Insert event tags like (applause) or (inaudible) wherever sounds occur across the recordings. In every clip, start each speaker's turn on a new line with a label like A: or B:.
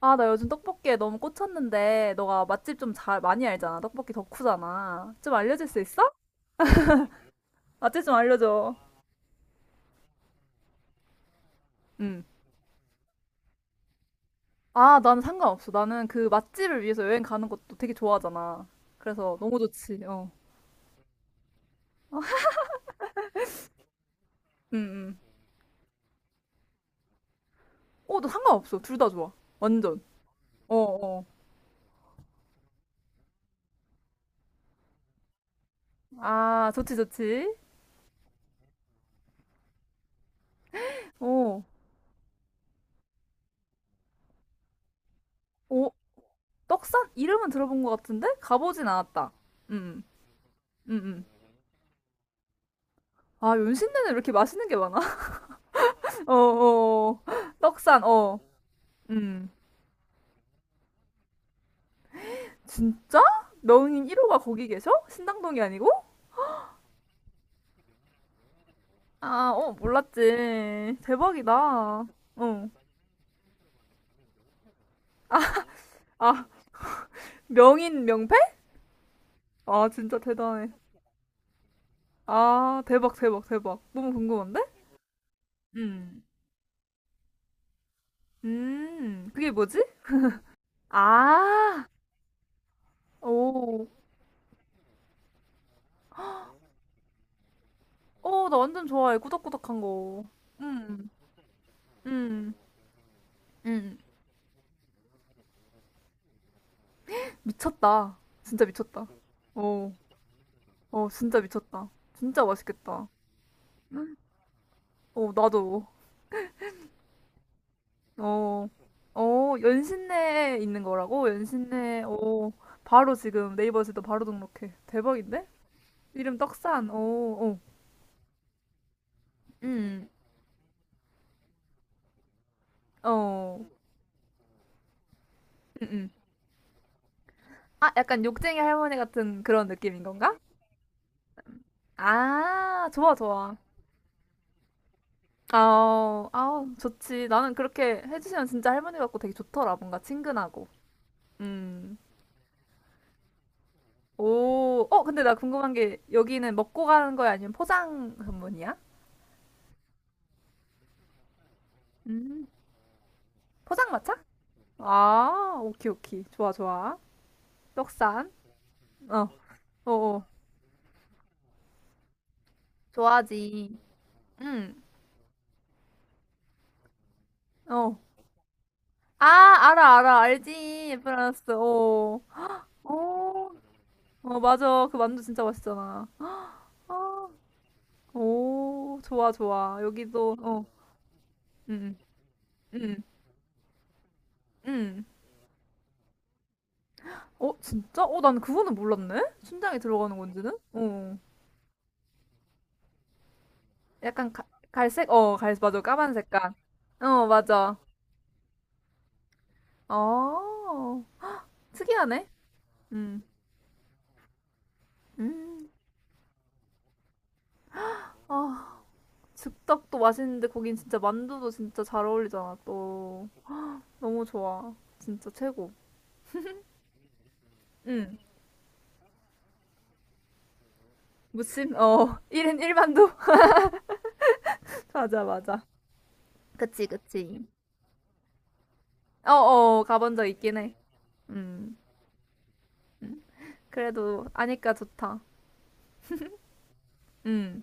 A: 아, 나 요즘 떡볶이에 너무 꽂혔는데, 너가 맛집 좀 잘, 많이 알잖아. 떡볶이 덕후잖아. 좀 알려줄 수 있어? 맛집 좀 알려줘. 응. 아, 나는 상관없어. 나는 그 맛집을 위해서 여행 가는 것도 되게 좋아하잖아. 그래서 너무 좋지. 어. 응, 응. 어, 너 상관없어. 둘 다 좋아. 완전. 어, 어. 아, 좋지, 좋지. 어. 어, 떡산? 이름은 들어본 것 같은데? 가보진 않았다. 응, 응, 응. 응. 아, 연신내는 왜 이렇게 맛있는 게 많아? (laughs) 어, 어. 어. (laughs) 떡산, 어. 응, 진짜? 명인 1호가 거기 계셔? 신당동이 아니고? 아, 어, 몰랐지. 대박이다. 어. 아, 명인 명패? 아, 진짜 대단해. 아, 대박, 대박, 대박. 너무 궁금한데? 음. 그게 뭐지? 아, 오. 어, 나 완전 좋아해. 꾸덕꾸덕한 거. 음, 음, 음. 미쳤다. 진짜 미쳤다. 어, 어, 진짜 미쳤다. 진짜 맛있겠다. 어, 나도. 어, 어, 연신내에 있는 거라고? 연신내, 어, 바로 지금 네이버에서도 바로 등록해. 대박인데? 이름 떡산, 어, 어, 음, 어, 음, 음. 아, 약간 욕쟁이 할머니 같은 그런 느낌인 건가? 아, 좋아, 좋아. 아우, 아우, 좋지. 나는 그렇게 해주시면 진짜 할머니 같고 되게 좋더라. 뭔가 친근하고. 음. 오, 어, 근데 나 궁금한 게 여기는 먹고 가는 거야? 아니면 포장 전문이야? 음. 포장마차? 아, 오키, 오키. 좋아, 좋아. 떡산. 어, 어, 어. 좋아하지. 응. 어. 아, 알아, 알아. 알지. 프랑스. 어. 어, 어, 맞아. 그 만두 진짜 맛있잖아. 아, 오, 좋아, 좋아. 여기도, 어. 응, 응, 응. 응. 어, 진짜? 어, 난 그거는 몰랐네? 춘장이 들어가는 건지는? 어. 약간 가, 갈색? 어, 갈색, 맞아. 까만 색깔. 어, 맞아. 어, 특이하네. 음, 음. 아, 즉석도 맛있는데 거긴 진짜 만두도 진짜 잘 어울리잖아, 또. 너무 좋아. 진짜 최고. 응. 무침? 어. (laughs) 1인 1만두? (laughs) 맞아, 맞아. 그치, 그치. 어어, 가본 적 있긴 해. 음. 그래도 아니까 좋다. 음.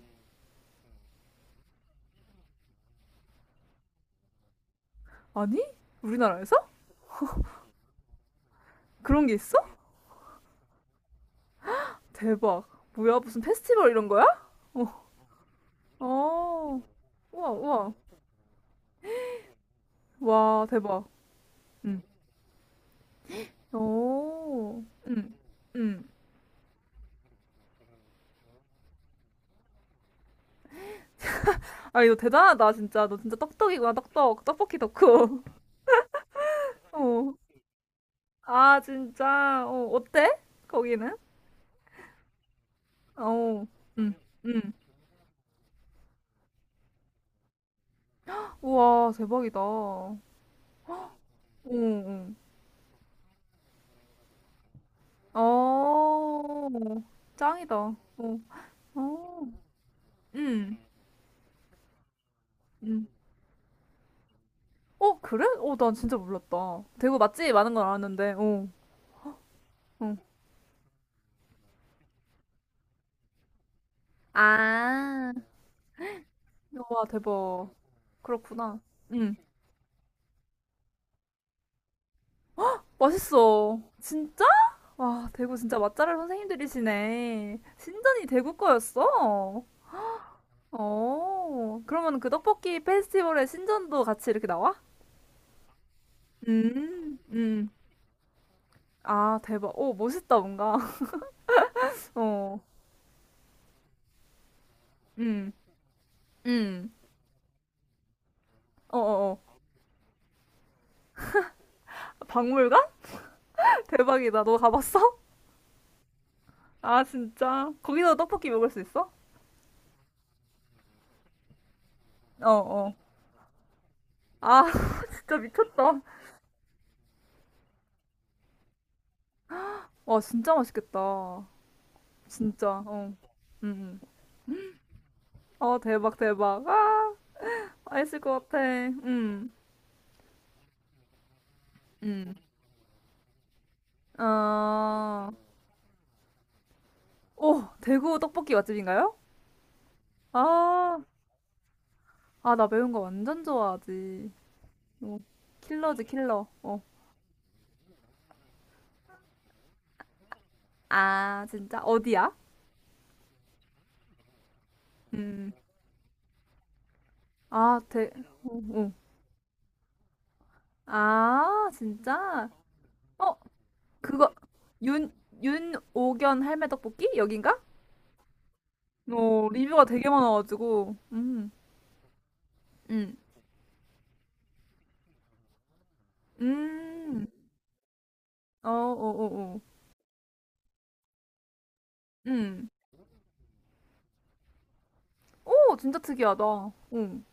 A: 아니? 우리나라에서? 그런 게 있어? 대박. 뭐야, 무슨 페스티벌 이런 거야? 어. 어. 우와, 우와. 와, 대박. 응. 오. 응. 응. 아, 이거 대단하다, 진짜. 너 진짜 떡떡이구나, 떡떡 떡볶이 덕후. (laughs) 어. 아, 진짜. 어, 어때? 거기는? 어. 응, 응. 우와, 대박이다. 어, 응. 어, 짱이다. 어, 어. 응, 응. 어, 그래? 어, 난 진짜 몰랐다. 대구 맛집이 많은 건 알았는데, 어, 어. 아. 와, 대박. 그렇구나. 응. 맛있어. 진짜? 와, 대구 진짜 맛잘알 선생님들이시네. 신전이 대구 거였어? 어, 그러면 그 떡볶이 페스티벌에 신전도 같이 이렇게 나와? 음, 음, 아, 대박. 오, 멋있다, 뭔가. (laughs) 어, 음, 음. 어, 어, 어. 박물관? (laughs) 대박이다. 너 가봤어? 아, 진짜. 거기서 떡볶이 먹을 수 있어? 어, 어. 아, (laughs) 진짜 미쳤다. 와, 진짜 맛있겠다. 진짜, 어. 음, 음. 어, 대박, 대박. 아, 맛있을 것 같아. 음. 아, 오, 대구 떡볶이 맛집인가요? 아, 아, 나 매운 거 완전 좋아하지. 어, 킬러지, 킬러. 어, 아, 진짜? 어디야? 음, 아, 대, 어, 어. 아, 진짜? 어, 그거, 윤, 윤오견 할매 떡볶이? 여긴가? 어, 리뷰가 되게 많아가지고, 음. 음, 어, 어, 어, 어, 음. 오, 진짜 특이하다. 응.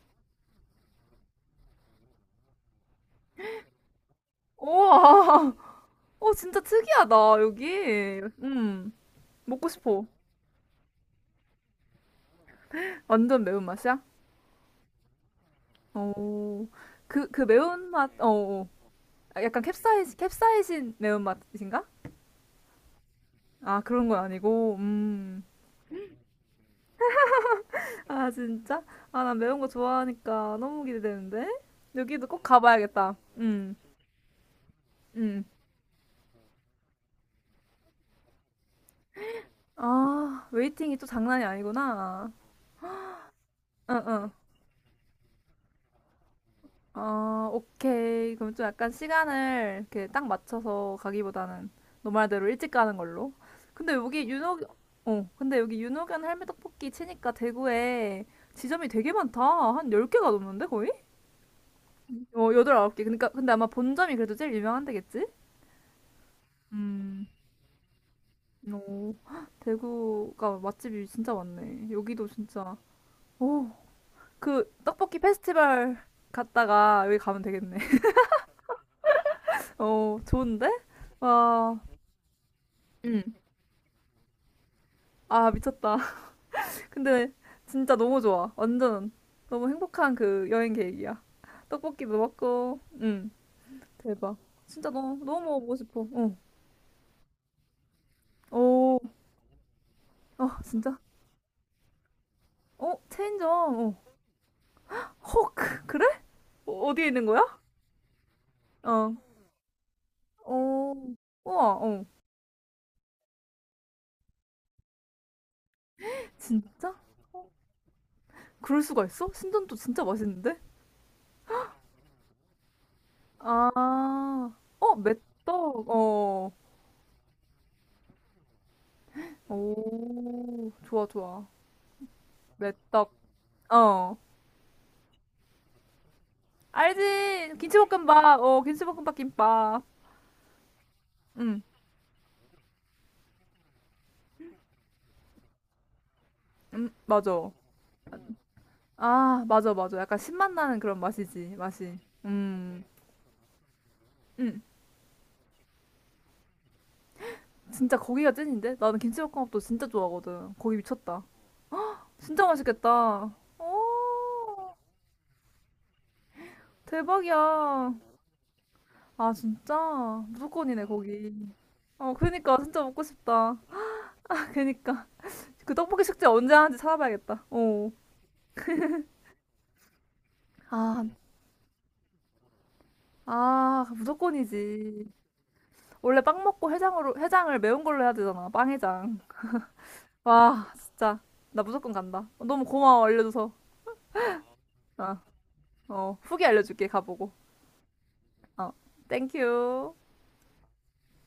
A: 우와. (laughs) 오, 진짜 특이하다, 여기. 먹고 싶어. 완전 매운맛이야? 오. 그, 그 매운맛, 어, 어. 아, 약간 캡사이신, 캡사이신 매운맛인가? 아, 그런 건 아니고, 아, 진짜? 아, 난 매운 거 좋아하니까 너무 기대되는데? 여기도 꼭 가봐야겠다. 음. 아, 웨이팅이 또 장난이 아니구나. 응, 응. 아, 오케이. 그럼 좀 약간 시간을 이렇게 딱 맞춰서 가기보다는 너 말대로 일찍 가는 걸로. 근데 여기 윤호, 어, 근데 여기 윤호견 할매떡볶이 치니까 대구에 지점이 되게 많다. 한 10개가 넘는데, 거의? 어, 8, 홉개 그러니까, 근데 아마 본점이 그래도 제일 유명한 데겠지? 음, 오, 헉, 대구가 맛집이 진짜 많네. 여기도 진짜, 오, 그 떡볶이 페스티벌 갔다가 여기 가면 되겠네. (laughs) 어, 좋은데? 와. 음. 아, 미쳤다. (laughs) 근데 진짜 너무 좋아. 완전 너무 행복한 그 여행 계획이야. 떡볶이도 먹고, 응, 대박. 진짜 너무, 너무 먹어보고 싶어. 어. 오, 아, 진짜? 어, 체인점, 어. 헉, 그래? 어, 어디에 있는 거야? 어, 어, 우와, 어. 진짜? 그럴 수가 있어? 신전도 진짜 맛있는데? 아, 어, 메떡 어. 오, 좋아, 좋아. 메떡 어. 알지? 김치볶음밥. 어, 김치볶음밥 김밥. 응, 맞아. 아, 맞아, 맞아. 약간 신맛 나는 그런 맛이지, 맛이. 음, 음. 진짜 거기가 찐인데? 나는 김치볶음밥도 진짜 좋아하거든. 거기 미쳤다. 진짜 맛있겠다. 오, 대박이야. 아, 진짜? 무조건이네, 거기. 어, 그니까. 진짜 먹고 싶다. (laughs) 그니까. 그 떡볶이 축제 언제 하는지 찾아봐야겠다. 어. 아, 아, 무조건이지. 원래 빵 먹고 해장으로 해장을 매운 걸로 해야 되잖아. 빵해장. 와, 진짜 나 무조건 간다. 너무 고마워 알려줘서. 아, 어, 후기 알려줄게 가보고. 어, 땡큐.